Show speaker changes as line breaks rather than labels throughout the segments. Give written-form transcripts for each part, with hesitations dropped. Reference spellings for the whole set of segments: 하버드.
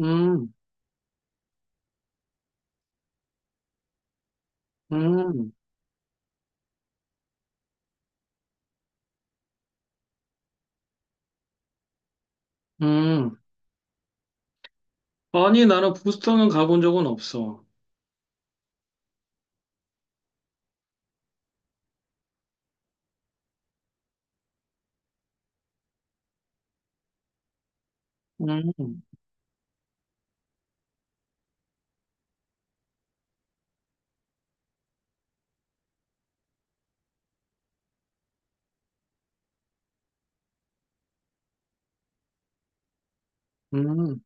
음, 음, 음. 아니, 나는 부스터는 가본 적은 없어. 음, 음,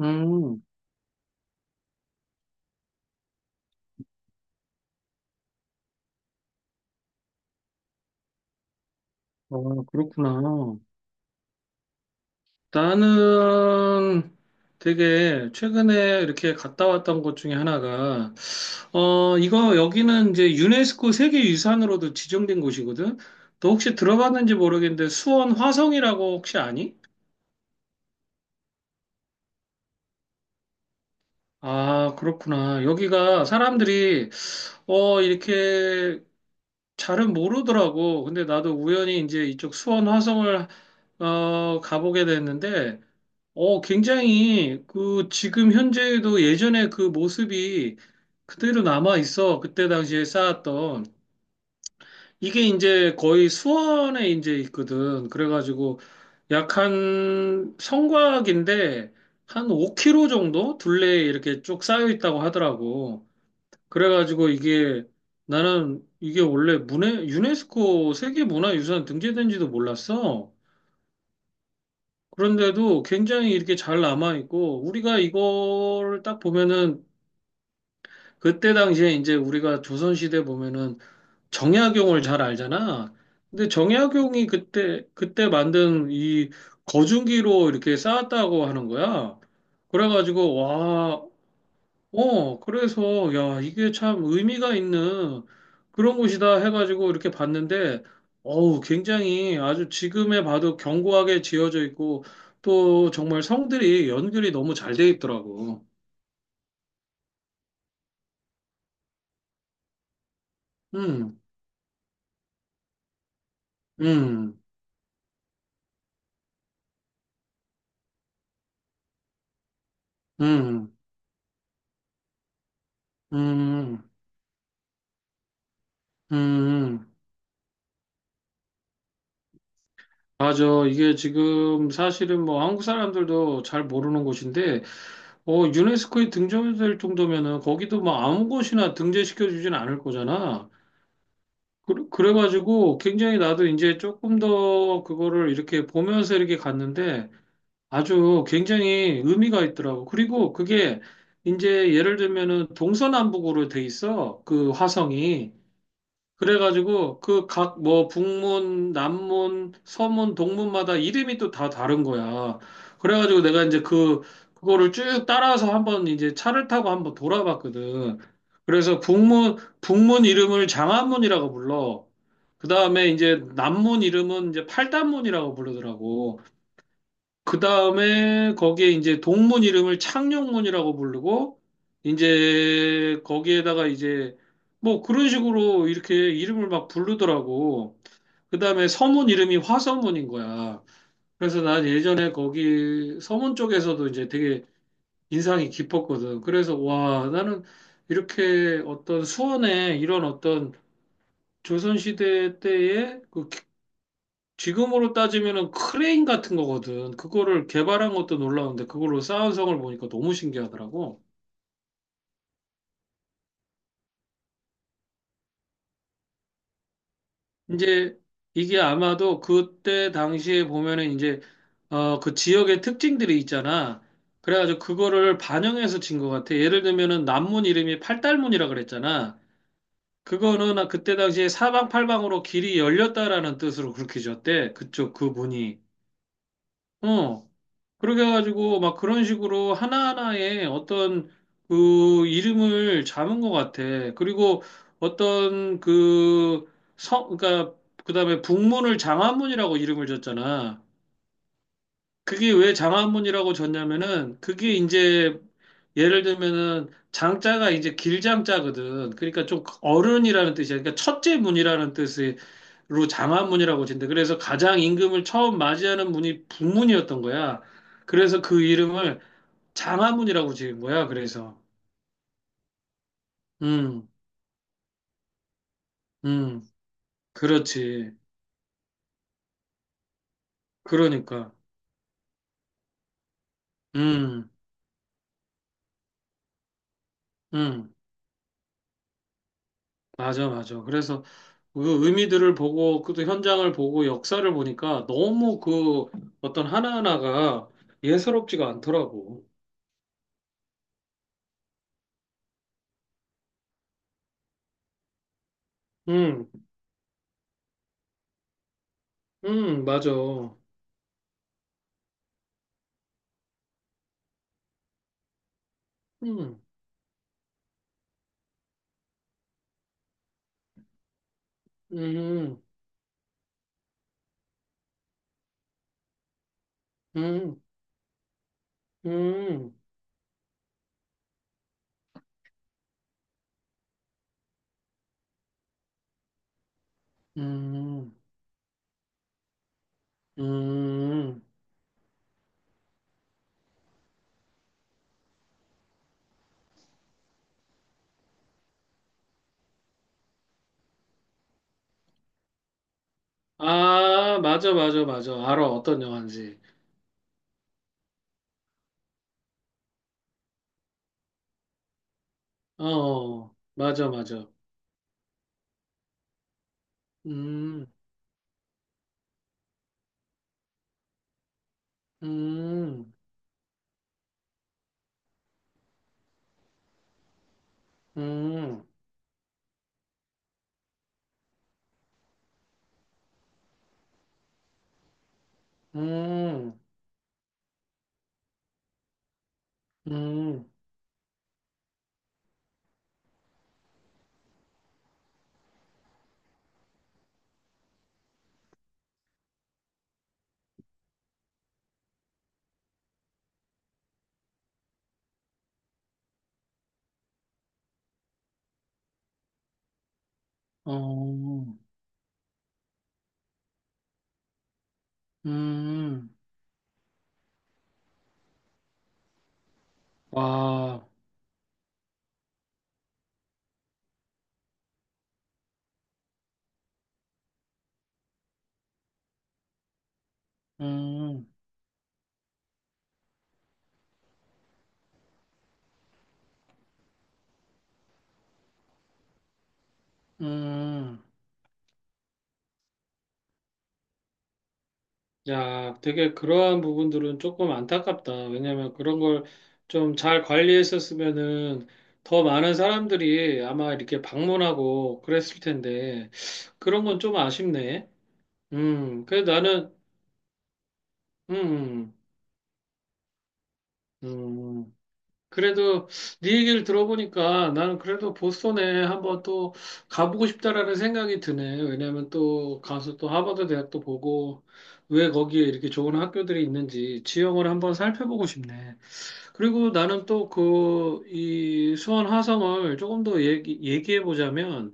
음. 아, 그렇구나. 나는 되게 최근에 이렇게 갔다 왔던 곳 중에 하나가, 어, 이거 여기는 이제 유네스코 세계유산으로도 지정된 곳이거든? 너 혹시 들어봤는지 모르겠는데 수원 화성이라고 혹시 아니? 아, 그렇구나. 여기가 사람들이 어, 이렇게 잘은 모르더라고. 근데 나도 우연히 이제 이쪽 수원 화성을 어, 가보게 됐는데, 어, 굉장히 그 지금 현재도 예전에 그 모습이 그대로 남아 있어. 그때 당시에 쌓았던. 이게 이제 거의 수원에 이제 있거든. 그래가지고 약 한 성곽인데 한 5km 정도 둘레에 이렇게 쭉 쌓여 있다고 하더라고. 그래가지고 이게 나는 이게 원래 유네스코 세계문화유산 등재된지도 몰랐어. 그런데도 굉장히 이렇게 잘 남아있고, 우리가 이거를 딱 보면은, 그때 당시에 이제 우리가 조선시대 보면은 정약용을 잘 알잖아. 근데 정약용이 그때 만든 이 거중기로 이렇게 쌓았다고 하는 거야. 그래가지고, 와, 어, 그래서, 야, 이게 참 의미가 있는 그런 곳이다 해가지고 이렇게 봤는데, 어우, 굉장히 아주 지금에 봐도 견고하게 지어져 있고, 또 정말 성들이 연결이 너무 잘 돼 있더라고. 음, 음, 음, 음, 음. 맞아. 이게 지금 사실은 뭐 한국 사람들도 잘 모르는 곳인데, 어, 유네스코에 등재될 정도면은 거기도 뭐 아무 곳이나 등재시켜 주진 않을 거잖아. 그래가지고 굉장히 나도 이제 조금 더 그거를 이렇게 보면서 이렇게 갔는데 아주 굉장히 의미가 있더라고. 그리고 그게 이제 예를 들면은 동서남북으로 돼 있어. 그 화성이. 그래가지고 그 각 뭐 북문, 남문, 서문, 동문마다 이름이 또 다 다른 거야. 그래가지고 내가 이제 그 그거를 쭉 따라서 한번 이제 차를 타고 한번 돌아봤거든. 그래서 북문 이름을 장안문이라고 불러. 그 다음에 이제 남문 이름은 이제 팔단문이라고 부르더라고. 그 다음에 거기에 이제 동문 이름을 창녕문이라고 부르고, 이제 거기에다가 이제 뭐 그런 식으로 이렇게 이름을 막 부르더라고. 그 다음에 서문 이름이 화서문인 거야. 그래서 난 예전에 거기 서문 쪽에서도 이제 되게 인상이 깊었거든. 그래서 와, 나는 이렇게 어떤 수원에 이런 어떤 조선시대 때의 그 지금으로 따지면은 크레인 같은 거거든. 그거를 개발한 것도 놀라운데 그걸로 쌓은 성을 보니까 너무 신기하더라고. 이제 이게 아마도 그때 당시에 보면은 이제 어, 그 지역의 특징들이 있잖아. 그래가지고 그거를 반영해서 진 것 같아. 예를 들면은 남문 이름이 팔달문이라 그랬잖아. 그거는 그때 당시에 사방팔방으로 길이 열렸다라는 뜻으로 그렇게 지었대. 그쪽 그 문이. 어. 그렇게 해가지고 막 그런 식으로 하나하나의 어떤 그 이름을 잡은 것 같아. 그리고 어떤 그 성, 그러니까 그다음에 북문을 장안문이라고 이름을 줬잖아. 그게 왜 장안문이라고 줬냐면은 그게 이제 예를 들면은 장자가 이제 길장자거든. 그러니까 좀 어른이라는 뜻이야. 그러니까 첫째 문이라는 뜻으로 장안문이라고 진대. 그래서 가장 임금을 처음 맞이하는 문이 북문이었던 거야. 그래서 그 이름을 장화문이라고 지은 거야. 그래서 음, 음, 그렇지. 그러니까 음, 음, 맞아, 맞아. 그래서 그 의미들을 보고 그 또 현장을 보고 역사를 보니까 너무 그 어떤 하나하나가 예사롭지가 않더라고. 음, 맞아. 음, 음, 음, 음, 음. 아, 맞아, 맞아, 맞아. 알아, 어떤 영화인지. 어, 어. 맞아, 맞아. 음. 음, 음, 음, 음, 어, 음, 와, 음, 음. 야, 되게 그러한 부분들은 조금 안타깝다. 왜냐면 그런 걸 좀 잘 관리했었으면은 더 많은 사람들이 아마 이렇게 방문하고 그랬을 텐데, 그런 건 좀 아쉽네. 그래도 나는, 음, 음. 그래도 네 얘기를 들어보니까 나는 그래도 보스턴에 한번 또 가보고 싶다라는 생각이 드네. 왜냐면 또 가서 또 하버드 대학도 보고 왜 거기에 이렇게 좋은 학교들이 있는지 지형을 한번 살펴보고 싶네. 그리고 나는 또 그 이 수원 화성을 조금 더 얘기해 보자면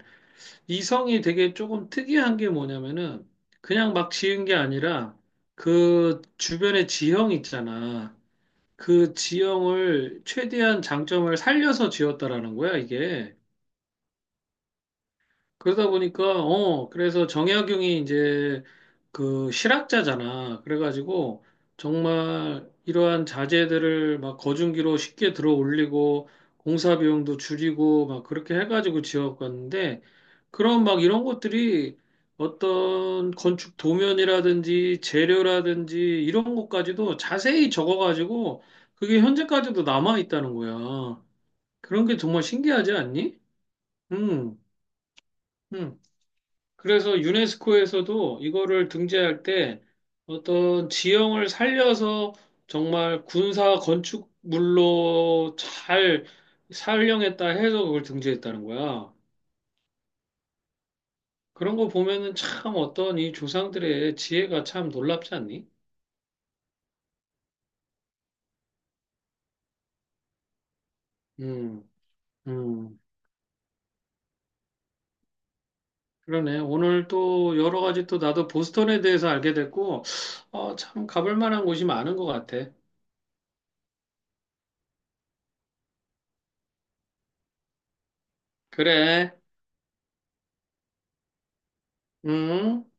이성이 되게 조금 특이한 게 뭐냐면은 그냥 막 지은 게 아니라 그 주변의 지형 있잖아. 그 지형을 최대한 장점을 살려서 지었다라는 거야, 이게. 그러다 보니까, 어, 그래서 정약용이 이제 그 실학자잖아. 그래가지고 정말 이러한 자재들을 막 거중기로 쉽게 들어 올리고 공사 비용도 줄이고 막 그렇게 해가지고 지어갔는데 그런 막 이런 것들이 어떤 건축 도면이라든지 재료라든지 이런 것까지도 자세히 적어가지고 그게 현재까지도 남아 있다는 거야. 그런 게 정말 신기하지 않니? 음, 음. 그래서 유네스코에서도 이거를 등재할 때 어떤 지형을 살려서 정말 군사 건축물로 잘 살령했다 해서 그걸 등재했다는 거야. 그런 거 보면은 참 어떤 이 조상들의 지혜가 참 놀랍지 않니? 음, 음, 그러네. 오늘 또 여러 가지 또 나도 보스턴에 대해서 알게 됐고, 어, 참 가볼 만한 곳이 많은 것 같아. 그래, 음.